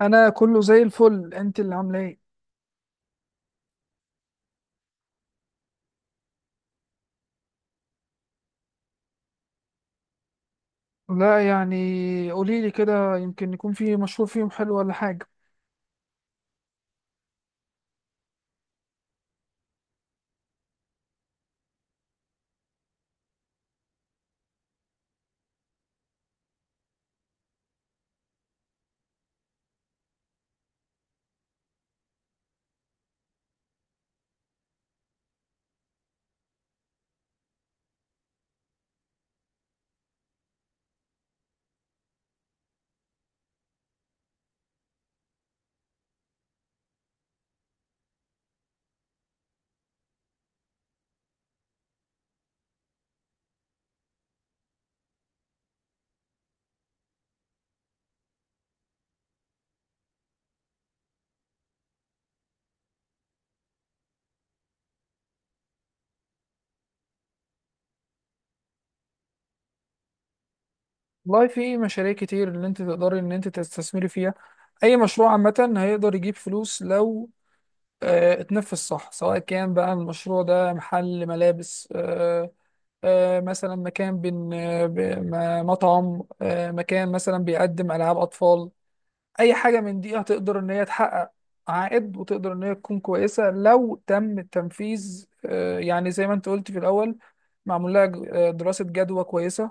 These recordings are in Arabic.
انا كله زي الفل. انت اللي عامله ايه؟ لا يعني قولي لي كده، يمكن يكون في مشروع فيهم حلو ولا حاجه. والله في مشاريع كتير اللي انت تقدري ان انت تستثمري فيها. اي مشروع عامه هيقدر يجيب فلوس لو اتنفذ صح، سواء كان بقى المشروع ده محل ملابس، مثلا مكان بن آه، ب- م- مطعم، مكان مثلا بيقدم العاب اطفال. اي حاجه من دي هتقدر ان هي تحقق عائد، وتقدر ان هي تكون كويسه لو تم التنفيذ. يعني زي ما انت قلت في الاول، معمول لها دراسه جدوى كويسه،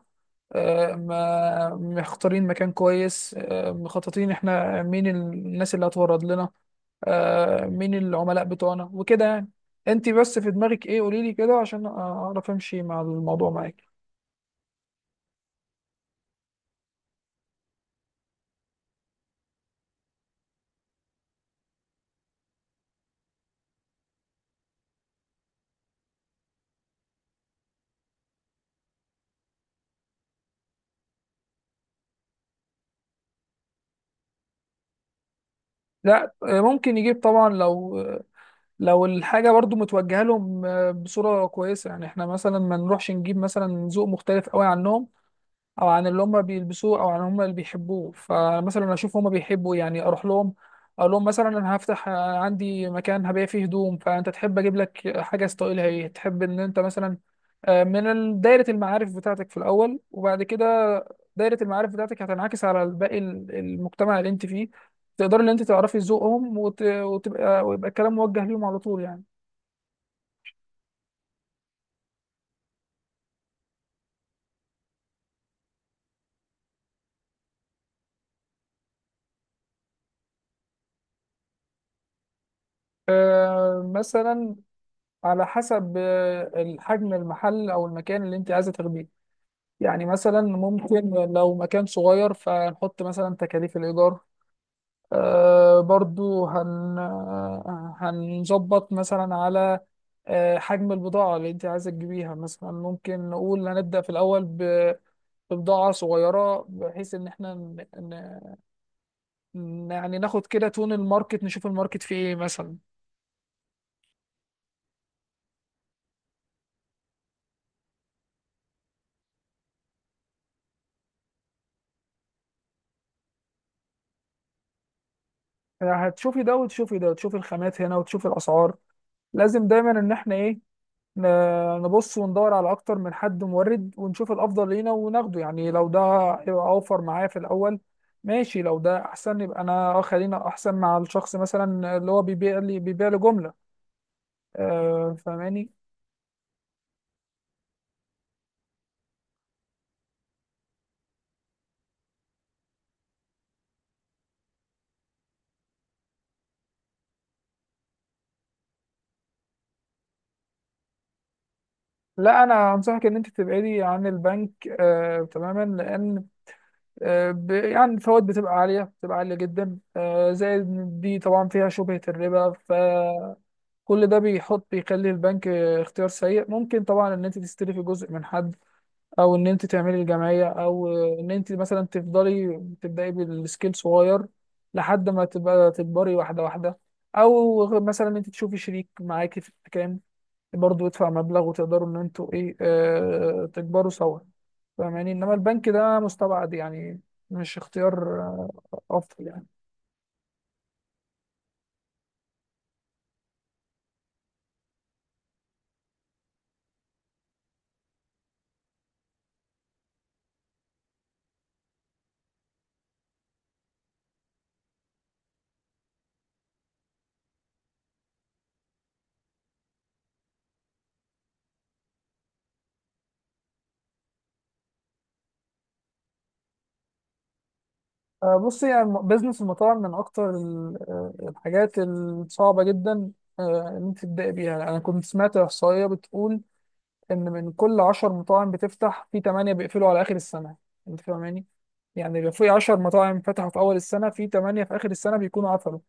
ما مختارين مكان كويس، مخططين احنا مين الناس اللي هتورد لنا، مين العملاء بتوعنا وكده يعني. انت بس في دماغك ايه؟ قولي لي كده عشان اعرف امشي مع الموضوع معاك. لا ممكن يجيب طبعا، لو الحاجة برضو متوجهة لهم بصورة كويسة. يعني احنا مثلا ما نروحش نجيب مثلا ذوق مختلف قوي عنهم، او عن اللي هم بيلبسوه، او عن هم اللي بيحبوه. فمثلا اشوف هم بيحبوا يعني، اروح لهم اقول لهم مثلا انا هفتح عندي مكان هبيع فيه هدوم، فانت تحب اجيب لك حاجه ستايلها ايه، تحب ان انت مثلا من دايره المعارف بتاعتك في الاول، وبعد كده دايره المعارف بتاعتك هتنعكس على باقي المجتمع اللي انت فيه. تقدر ان انت تعرفي ذوقهم وتبقى ويبقى الكلام موجه ليهم على طول يعني. مثلا على حسب الحجم المحل او المكان اللي انت عايزه تاخديه. يعني مثلا ممكن لو مكان صغير فنحط مثلا تكاليف الإيجار. برضو هن آه، هنظبط مثلا على حجم البضاعة اللي أنت عايزة تجيبيها. مثلا ممكن نقول هنبدأ في الأول ببضاعة صغيرة، بحيث إن إحنا يعني ناخد كده تون الماركت، نشوف الماركت فيه إيه مثلا. يعني هتشوفي ده وتشوفي ده وتشوفي الخامات هنا وتشوفي الأسعار. لازم دايما إن إحنا إيه، نبص وندور على اكتر من حد مورد، ونشوف الافضل لينا وناخده. يعني لو ده هيبقى اوفر معايا في الاول ماشي، لو ده احسن يبقى انا خلينا احسن مع الشخص مثلا اللي هو بيبيع لي جملة. فاهماني؟ لا انا انصحك ان انت تبعدي عن البنك تماما، لان يعني الفوائد بتبقى عالية، بتبقى عالية جدا، زائد إن دي طبعا فيها شبهة الربا. ف كل ده بيحط، بيخلي البنك اختيار سيء. ممكن طبعا ان انت تستلفي جزء من حد، او ان انت تعملي الجمعيه، او ان انت مثلا تفضلي تبداي بالسكيل صغير لحد ما تبقى تكبري واحده واحده. او مثلا انت تشوفي شريك معاكي في الكلام، برضه يدفع مبلغ، وتقدروا ان انتوا ايه تكبروا سوا. فاهماني؟ انما البنك ده مستبعد يعني، مش اختيار افضل يعني. بصي، يعني بزنس المطاعم من اكتر الحاجات الصعبه جدا ان انت تبداي بيها. انا كنت سمعت احصائيه بتقول ان من كل 10 مطاعم بتفتح، في 8 بيقفلوا على اخر السنه. انت فاهماني؟ يعني لو في 10 مطاعم فتحوا في اول السنه، في 8 في اخر السنه بيكونوا قفلوا،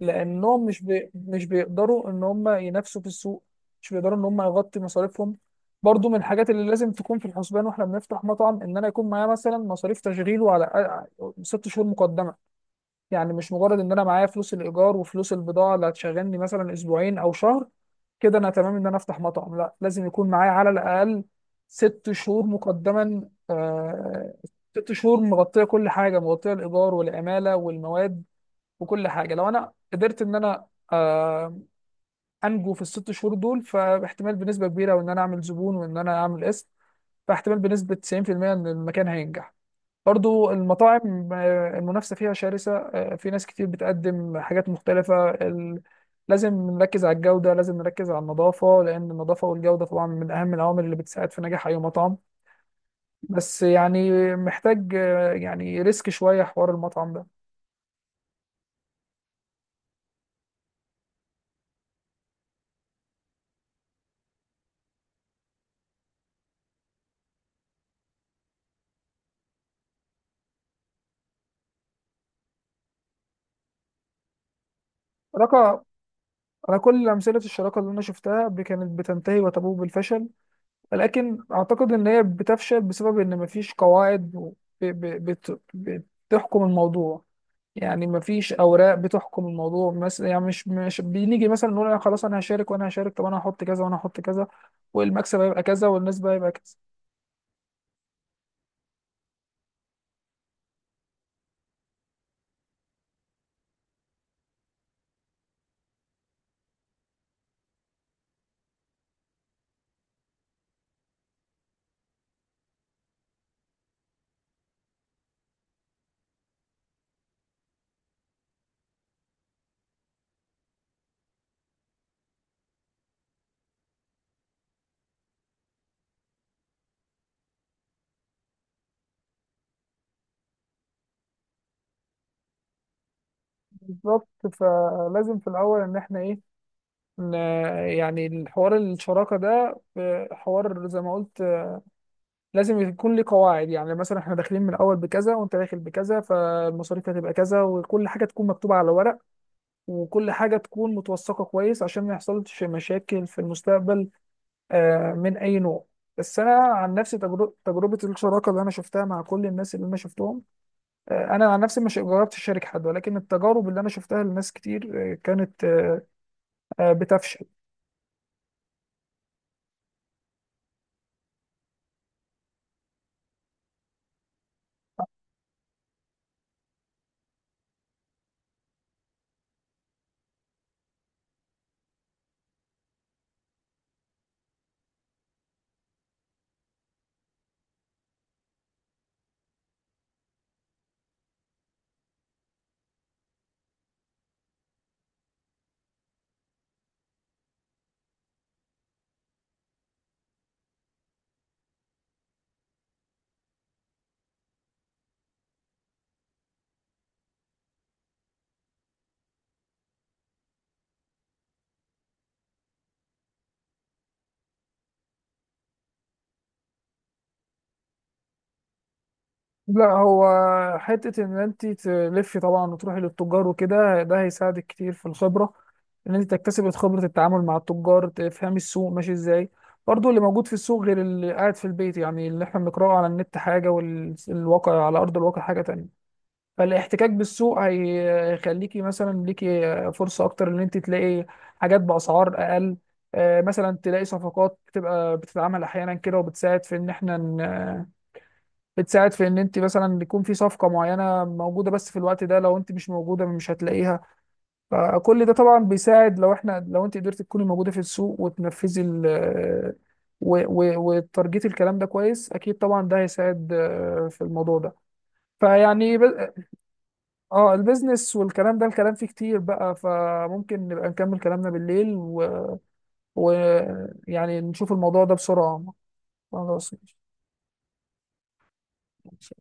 لانهم مش بيقدروا ان هم ينافسوا في السوق، مش بيقدروا ان هم يغطي مصاريفهم. برضو من الحاجات اللي لازم تكون في الحسبان واحنا بنفتح مطعم، ان انا يكون معايا مثلا مصاريف تشغيله على ست شهور مقدمه. يعني مش مجرد ان انا معايا فلوس الايجار وفلوس البضاعه اللي هتشغلني مثلا اسبوعين او شهر كده انا تمام ان انا افتح مطعم. لا، لازم يكون معايا على الاقل ست شهور مقدما. ست شهور مغطيه كل حاجه، مغطيه الايجار والعماله والمواد وكل حاجه. لو انا قدرت ان انا آه انجو في الست شهور دول، فاحتمال بنسبه كبيره وان انا اعمل زبون وان انا اعمل اسم، فاحتمال بنسبه 90% ان المكان هينجح. برضو المطاعم المنافسة فيها شرسة، في ناس كتير بتقدم حاجات مختلفة. لازم نركز على الجودة، لازم نركز على النظافة، لأن النظافة والجودة طبعا من أهم العوامل اللي بتساعد في نجاح أي مطعم. بس يعني محتاج يعني ريسك شوية، حوار المطعم ده. شراكة؟ أنا كل أمثلة الشراكة اللي أنا شفتها كانت بتنتهي وتبوء بالفشل. لكن أعتقد إن هي بتفشل بسبب إن مفيش قواعد ب- ب- بت- بتحكم الموضوع. يعني مفيش اوراق بتحكم الموضوع. مثلا يعني مش بنيجي مثلا نقول أنا خلاص انا هشارك وانا هشارك، طب انا هحط كذا وانا هحط كذا، والمكسب هيبقى كذا والنسبه هيبقى كذا. بالظبط. فلازم في الاول ان احنا ايه، ن- يعني الحوار الشراكه ده حوار زي ما قلت، لازم يكون ليه قواعد. يعني مثلا احنا داخلين من الاول بكذا، وانت داخل بكذا، فالمصاريف هتبقى كذا، وكل حاجه تكون مكتوبه على ورق، وكل حاجه تكون متوثقه كويس عشان ما يحصلش مشاكل في المستقبل من اي نوع. بس انا عن نفسي، تجربه الشراكه اللي انا شفتها مع كل الناس اللي انا شفتهم، انا عن نفسي مش جربت اشارك حد، ولكن التجارب اللي انا شفتها لناس كتير كانت بتفشل. لا هو حته ان انت تلفي طبعا وتروحي للتجار وكده، ده هيساعدك كتير في الخبره، ان انت تكتسبي خبره التعامل مع التجار، تفهمي السوق ماشي ازاي. برضه اللي موجود في السوق غير اللي قاعد في البيت، يعني اللي احنا بنقراه على النت حاجه والواقع على ارض الواقع حاجه تانية. فالاحتكاك بالسوق هيخليكي مثلا ليكي فرصة أكتر إن أنت تلاقي حاجات بأسعار أقل. مثلا تلاقي صفقات بتبقى بتتعمل أحيانا كده، وبتساعد في إن إحنا بتساعد في إن أنت مثلا يكون في صفقة معينة موجودة، بس في الوقت ده لو أنت مش موجودة مش هتلاقيها. فكل ده طبعا بيساعد، لو إحنا، لو أنت قدرت تكوني موجودة في السوق وتنفذي وتارجتي الكلام ده كويس، أكيد طبعا ده هيساعد في الموضوع ده فيعني. اه، البيزنس والكلام ده الكلام فيه كتير بقى، فممكن نبقى نكمل كلامنا بالليل ويعني و... ويعني نشوف الموضوع ده بسرعة. خلاص ماشي.